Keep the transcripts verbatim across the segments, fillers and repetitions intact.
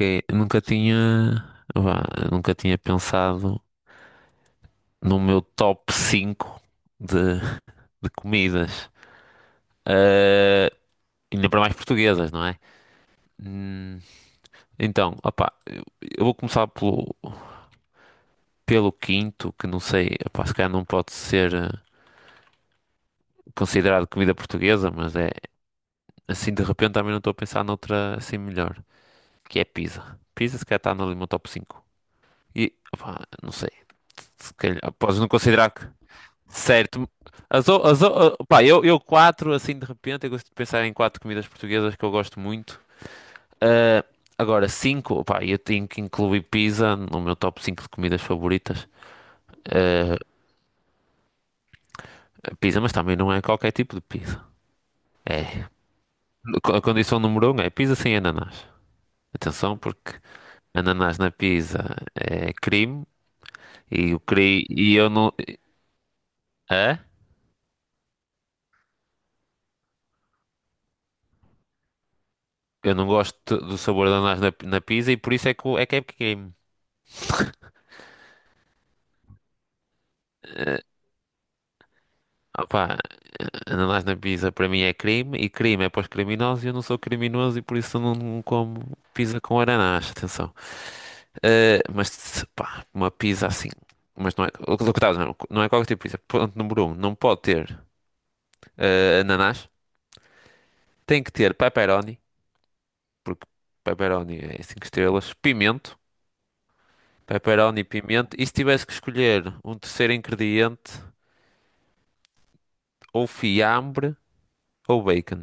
Ok, nunca tinha, vá, nunca tinha pensado no meu top cinco de, de comidas. Eh, Ainda para mais portuguesas, não é? Hum. Então, opá, eu, eu vou começar pelo, pelo quinto, que não sei, opá, se calhar não pode ser eh, considerado comida portuguesa, mas é assim de repente também não estou a pensar noutra assim melhor, que é pizza. Pizza se calhar está no meu top cinco. E opá, não sei, se calhar, podes não considerar que. Certo. As, o- as, o- pá, eu, eu quatro, assim, de repente, eu gosto de pensar em quatro comidas portuguesas que eu gosto muito. Ah, agora, cinco, pá, eu tenho que incluir pizza no meu top cinco de comidas favoritas. Ah, pizza, mas também não é qualquer tipo de pizza. Co- A condição número um é pizza sem ananás. Atenção, porque ananás na pizza é crime e, o cri, e eu não. É? Eu não gosto do sabor de ananás na, na pizza e por isso é que, o- é que é crime. Ah, Opá, ananás na pizza para mim é crime, e crime é para os criminosos, e eu não sou criminoso, e por isso eu não como pizza com ananás, atenção. Eh, mas, pá, uma pizza assim. Mas não é, o que o que estavas a dizer, não é qualquer tipo de pizza. Ponto número um, não pode ter eh, ananás, tem que ter pepperoni, porque pepperoni é cinco estrelas. Pimento, pepperoni, pimento, e se tivesse que escolher um terceiro ingrediente, ou fiambre ou bacon,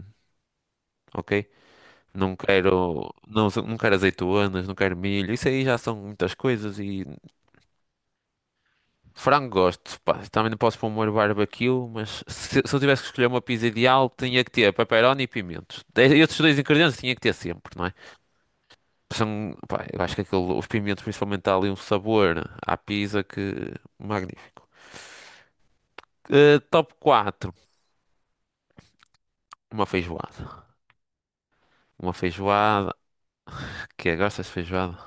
ok? Não quero, não, não quero azeitonas, não quero milho. Isso aí já são muitas coisas. E frango gosto, pá. Também não posso pôr molho barbecue, mas se, se eu tivesse que escolher uma pizza ideal, tinha que ter pepperoni e pimentos. E esses dois ingredientes tinha que ter sempre, não é? São, pá, eu acho que aquele, os pimentos principalmente dá ali um sabor à pizza que magnífico. Eh, top quatro, uma feijoada. Uma feijoada. Que é? Gostas de feijoada?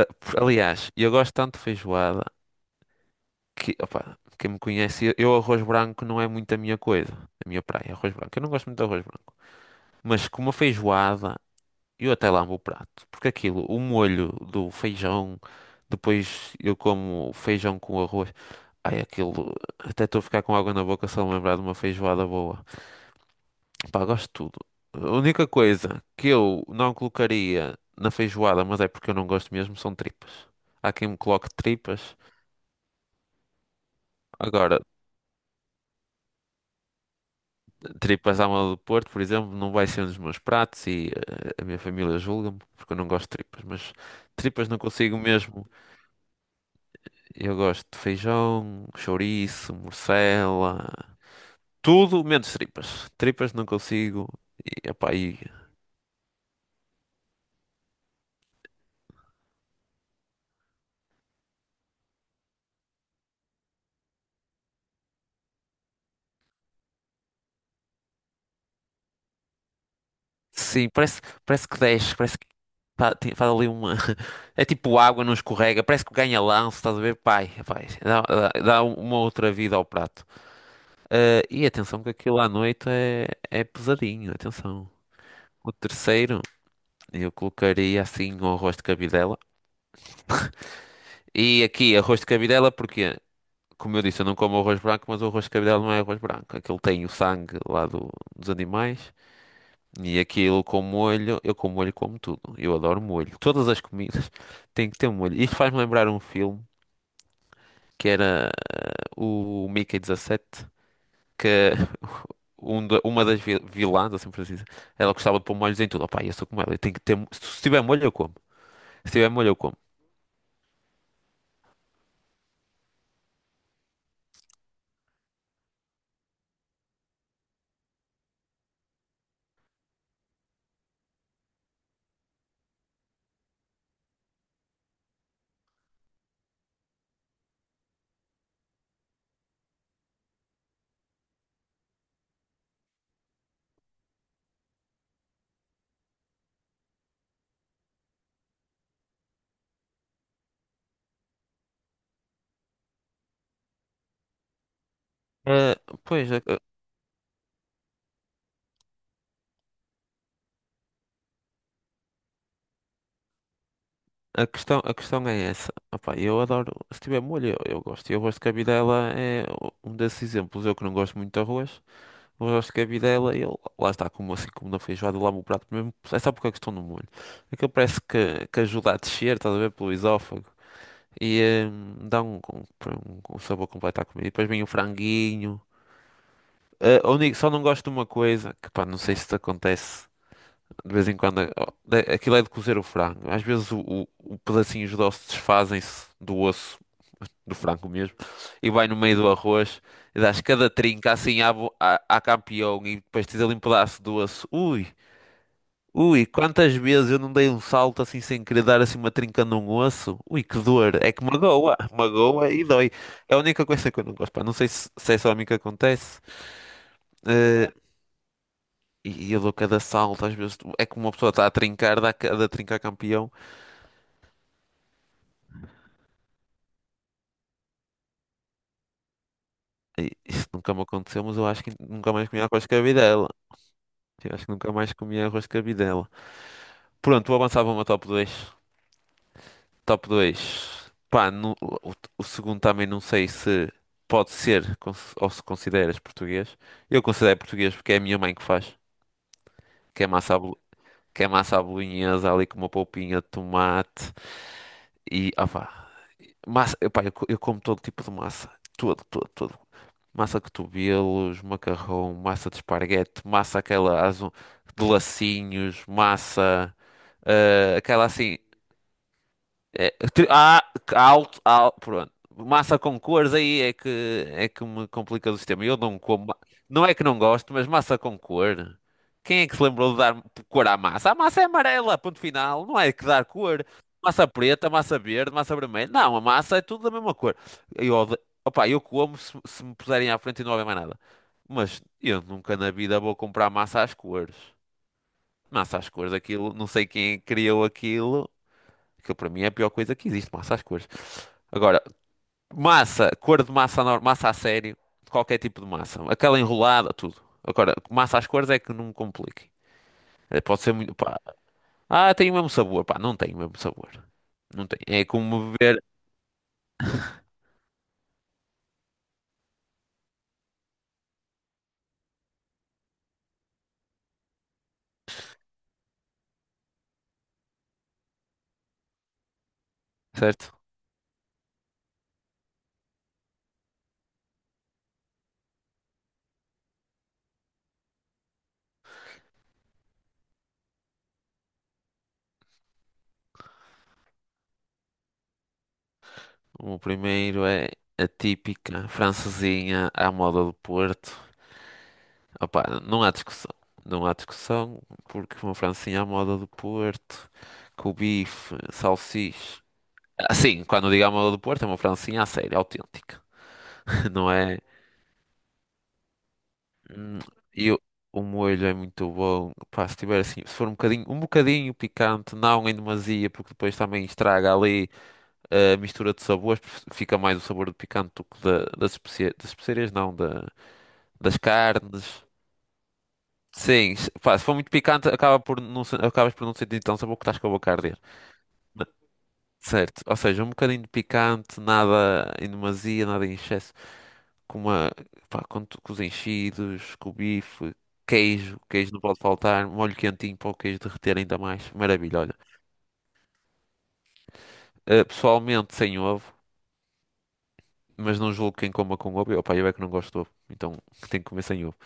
Eh, por- aliás, eu gosto tanto de feijoada que, opa, quem me conhece, eu arroz branco não é muito a minha coisa, a minha praia, é arroz branco. Eu não gosto muito de arroz branco. Mas com uma feijoada, eu até lambo o prato, porque aquilo, o molho do feijão, depois eu como feijão com arroz, ai aquilo, até estou a ficar com água na boca só me lembrar de uma feijoada boa. Pá, gosto de tudo. A única coisa que eu não colocaria na feijoada, mas é porque eu não gosto mesmo, são tripas. Há quem me coloque tripas. Agora, tripas à moda do Porto, por exemplo, não vai ser um dos meus pratos, e eh, a minha família julga-me porque eu não gosto de tripas, mas tripas não consigo mesmo. Eu gosto de feijão, chouriço, morcela, tudo menos tripas. Tripas não consigo. E, epá, e- sim, parece, parece que desce, parece que pá, tem- faz ali uma. É tipo água, não escorrega, parece que ganha lance, estás a ver? Pai, pai, dá, dá- dá uma outra vida ao prato. Eh, e atenção que aquilo à noite é, é pesadinho, atenção. O terceiro, eu colocaria assim o arroz de cabidela. E aqui, arroz de cabidela, porque, como eu disse, eu não como arroz branco, mas o arroz de cabidela não é arroz branco. Aquilo tem o sangue lá do- dos animais. E aquilo com molho, eu com molho como tudo. Eu adoro molho. Todas as comidas têm que ter um molho. Isto faz-me lembrar um filme que era o Mickey dezassete, que um da- uma das vi- vilãs, assim por assim dizer, ela gostava de pôr molhos em tudo. Opá, eu sou como ela, eu tenho que ter. mo- Se tiver molho, eu como. Se tiver molho, eu como. Ah, Pois, a, a- questão, a questão é essa. Opá, eu adoro, se tiver molho, eu, eu gosto. Eu gosto de cabidela, é um desses exemplos. Eu que não gosto muito de arroz, mas gosto de cabidela videla, eu, lá está, como assim como na feijoada, lá o meu prato mesmo, é só porque é a questão do molho. Aquilo parece que, que ajuda a descer, estás a ver, pelo esófago. E eh, dá um, um, um sabor completo à comida. E depois vem o franguinho. Ah, a única- só não gosto de uma coisa, que pá, não sei se te acontece. De vez em quando, ó, da- aquilo é de cozer o frango. Às vezes o, o, o pedacinhos de osso desfazem-se do osso, do frango mesmo, e vai no meio do arroz, e dás cada trinca assim à, bo- à, à campeão, e depois tens ali um pedaço do osso. Ui, ui, quantas vezes eu não dei um salto assim sem querer dar assim uma trinca num osso? Ui, que dor! É que magoa, magoa e dói. É a única coisa que eu não gosto, pá. Não sei se, se é só a mim que acontece. Eh, E e eu dou cada salto, às vezes é que uma pessoa está a trincar, dá cada trinca a campeão. Isso nunca me aconteceu, mas eu acho que nunca mais comi arroz de cabidela. Eu acho que nunca mais comi arroz de cabidela. Pronto, vou avançar para uma top dois. Top dois. Pá, no- o, o segundo também não sei se pode ser cons- ou se consideras português. Eu considero português porque é a minha mãe que faz. Que é massa à, bolo- que é massa à bolonhesa ali com uma polpinha de tomate, e opá, massa, eu, pá, eu, co- eu como todo tipo de massa. Todo, todo, todo. Massa de cotovelos, macarrão, massa de esparguete, massa aquela azu- de lacinhos, massa, ah, aquela assim. É, tri- há- alto, al- pronto. Massa com cores aí é que é que me complica o sistema. Eu não como, ma- não é que não gosto, mas massa com cor. Quem é que se lembrou de dar cor à massa? A massa é amarela, ponto final. Não é que dar cor. Massa preta, massa verde, massa vermelha. Não, a massa é tudo da mesma cor. Eu, ode- Opa, eu como se, se me puserem à frente e não houver mais nada. Mas eu nunca na vida vou comprar massa às cores. Massa às cores, aquilo, não sei quem criou aquilo. Aquilo para mim é a pior coisa que existe, massa às cores. Agora, massa, cor de massa, nor- massa a sério, qualquer tipo de massa. Aquela enrolada, tudo. Agora, massa às cores é que não me complique. Eh, Pode ser muito, pá. Ah, tem o mesmo sabor, pá. Não tem o mesmo sabor. Não tem. É como beber, certo? O primeiro é a típica francesinha à moda do Porto. Opá, não há discussão. Não há discussão, porque uma francesinha à moda do Porto, com o bife, salsicha. Assim, quando digo à do Porto, é uma francesinha a sério, autêntica. Não é? Hum, E o o molho é muito bom. Pá, se tiver assim, se for um bocadinho, um bocadinho picante, não em demasia, porque depois também estraga ali eh, a mistura de sabores, porque fica mais o sabor do picante do que da- das especiarias, das especiarias não, da, das carnes. Sim, se- pá, se for muito picante, acaba por não, se- acabas por não sentir tão sabor que estás com a boca a arder. Certo, ou seja, um bocadinho de picante, nada em demasia, nada em excesso. Com uma, pá, com, tu- com os enchidos, com o bife, queijo, queijo não pode faltar, molho quentinho para o queijo derreter ainda mais. Maravilha, olha. Eh, pessoalmente sem ovo, mas não julgo quem coma com ovo. Eu, pá, eu é que não gosto de ovo, então tem que comer sem ovo.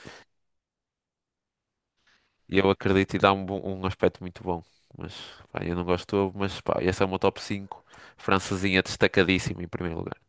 E eu acredito, e dá um, bom- um aspecto muito bom. Mas, pá, eu não gosto de ovo, mas, pá, essa é uma top cinco. Francesinha destacadíssima em primeiro lugar.